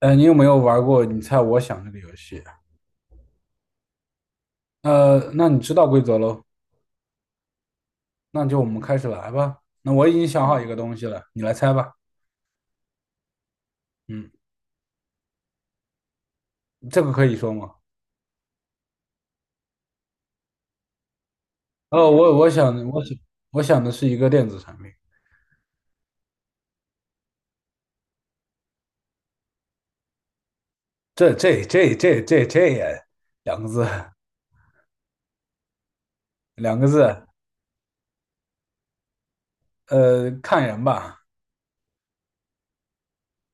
你有没有玩过"你猜我想"这个游戏？那你知道规则喽？那就我们开始来吧。那我已经想好一个东西了，你来猜吧。嗯，这个可以说吗？哦，我想的是一个电子产品。这这这这这这也两个字，两个字。看人吧，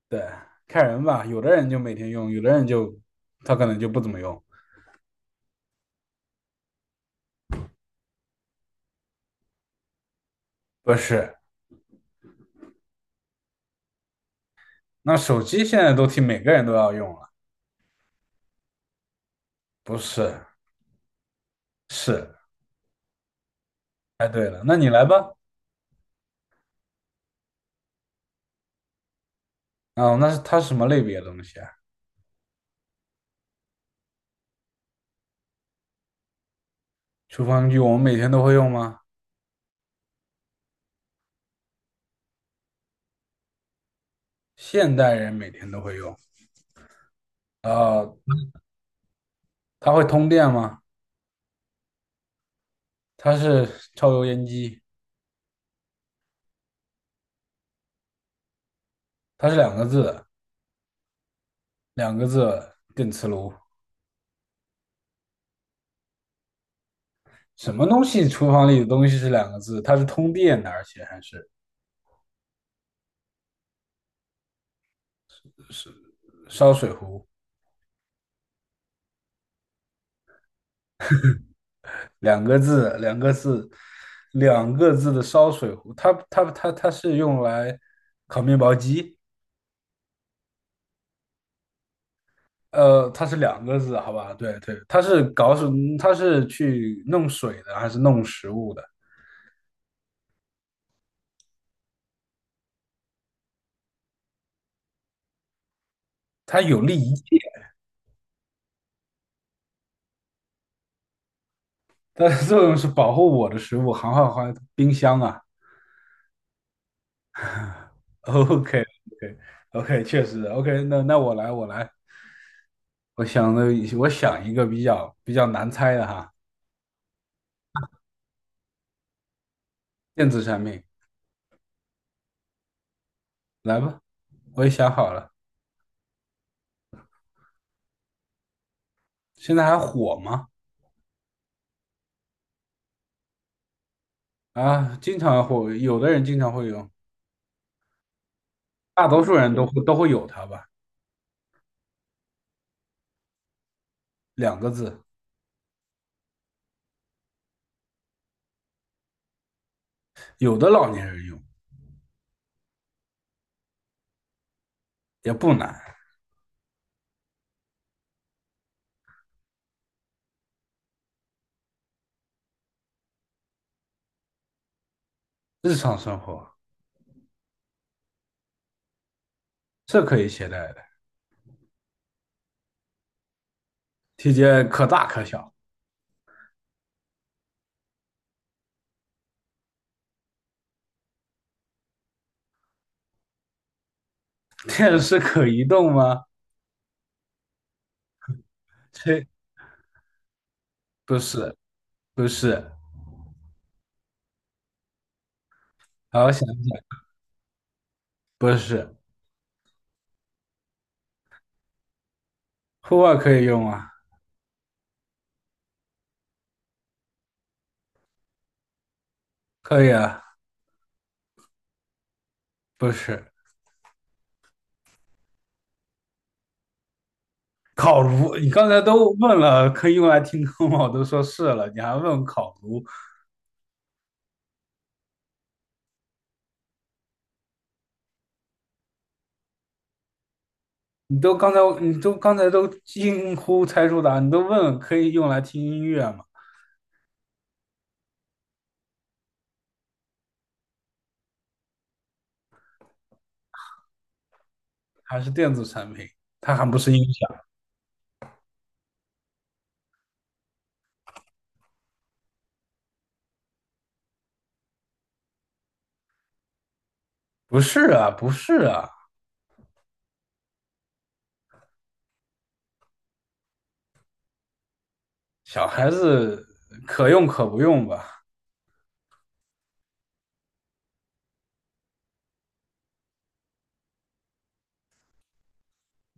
对，看人吧。有的人就每天用，有的人就他可能就不怎么用。不是，那手机现在都替每个人都要用了。不是，是。哎，对了，那你来吧。哦，它是什么类别的东西啊？厨房具我们每天都会用吗？现代人每天都会用。呃，它会通电吗？它是抽油烟机，它是两个字电磁炉。什么东西？厨房里的东西是两个字，它是通电的，而且还是烧水壶，两个字，两个字，两个字的烧水壶。它是用来烤面包机。它是两个字，好吧？对对，它是去弄水的，还是弄食物的？它有利一切它的作用是保护我的食物，好好好，冰箱啊。OK OK OK，确实 OK。 那。那我来，我想的，我想一个比较难猜的哈，电子产品，来吧，我也想好了。现在还火吗？啊，经常火，有的人经常会用，大多数人都会有它吧。两个字，有的老年人用。也不难，日常生活是可以携带的，体积可大可小。电视可移动吗？这不是，不是。好好想想，不是。户外可以用啊，可以啊，不是。烤炉，你刚才都问了可以用来听歌吗？我都说是了，你还问烤炉？你都刚才都惊呼猜出答案，你都问可以用来听音乐吗？还是电子产品？它还不是音响？不是啊，不是啊。小孩子可用可不用吧？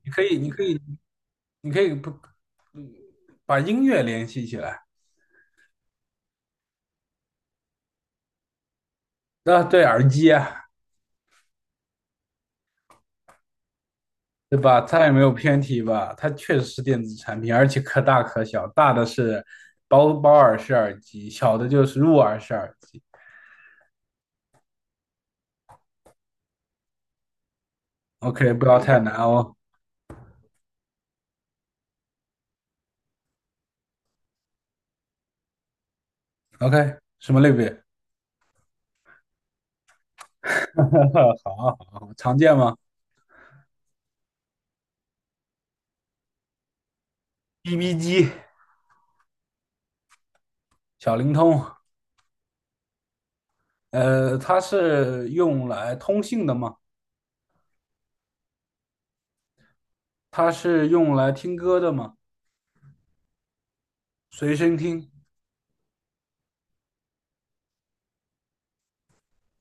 你可以，你可以，你可以不把音乐联系起来。啊，对，耳机啊，对吧？它也没有偏题吧？它确实是电子产品，而且可大可小，大的是包耳式耳机，小的就是入耳式耳机。OK，不要太难哦。OK，什么类别？好啊，好啊，常见吗？BB 机、小灵通，它是用来通信的吗？它是用来听歌的吗？随身听。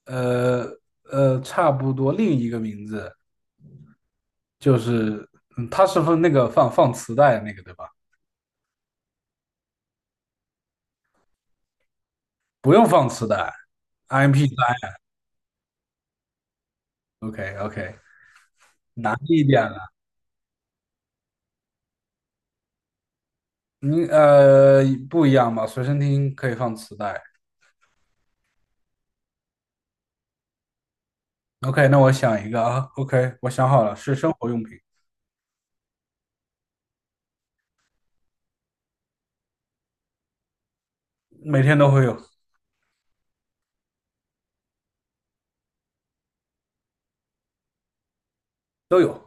呃差不多另一个名字就是，它是放磁带那个对吧？不用放磁带，MP3，OK OK，难一点了，你呃不一样吧？随身听可以放磁带，OK，那我想一个啊，OK，我想好了，是生活用品，每天都会有，都有。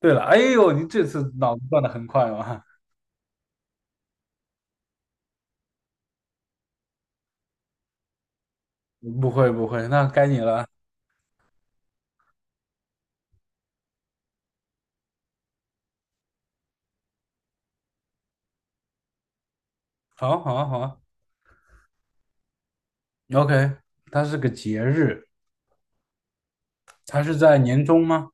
对了，哎呦，你这次脑子转的很快嘛？不会不会，那该你了。好啊好啊好啊，OK，它是个节日，它是在年中吗？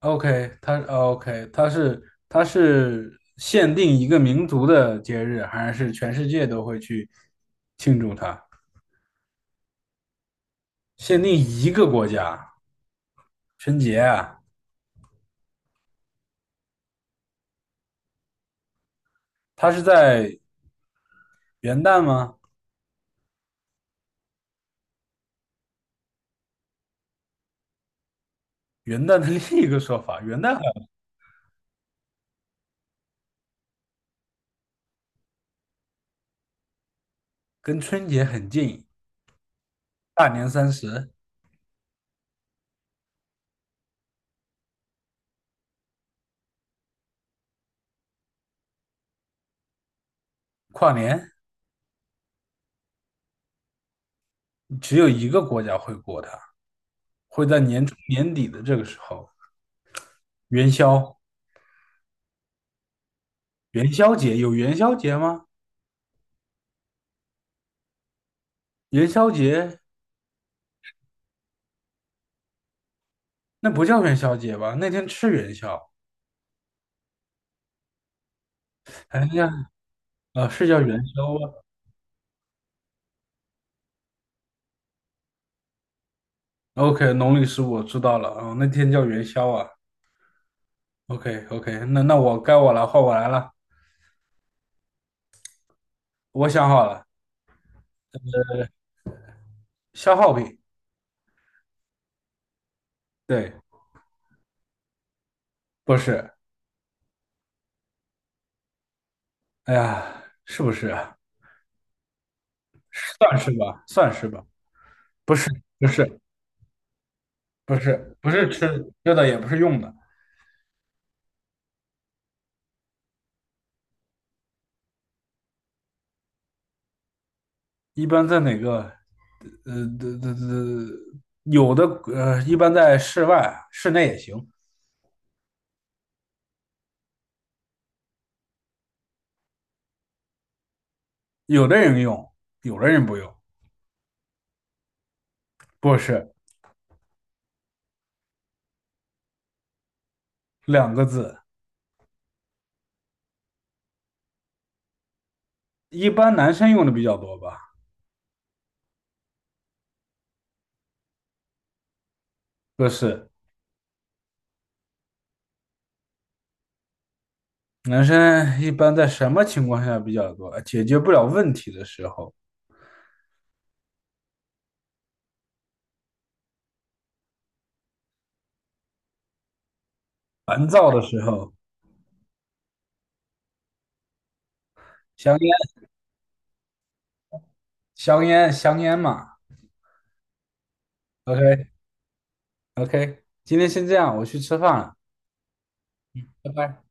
OK，OK，它是限定一个民族的节日，还是全世界都会去庆祝它？限定一个国家，春节啊，它是在元旦吗？元旦的 另一个说法，元旦跟春节很近，大年三十、跨年，只有一个国家会过它，会在年中年底的这个时候，元宵，元宵节有元宵节吗？元宵节那不叫元宵节吧？那天吃元宵。哎呀，啊，是叫元宵啊？OK，农历15我知道了啊，那天叫元宵啊。OK OK，那我该我了，换我来了。我想好了，消耗品，对，不是，哎呀，是不是啊？算是吧，算是吧，不是，不是，不是，不是吃的，也不是用的，一般在哪个？呃，这这这有的呃，一般在室外啊、室内也行，有的人用，有的人不用，不是两个字。一般男生用的比较多吧，不是。男生一般在什么情况下比较多？解决不了问题的时候，烦躁的时候，香烟，香烟，香烟嘛。OK，OK，今天先这样，我去吃饭了，拜拜。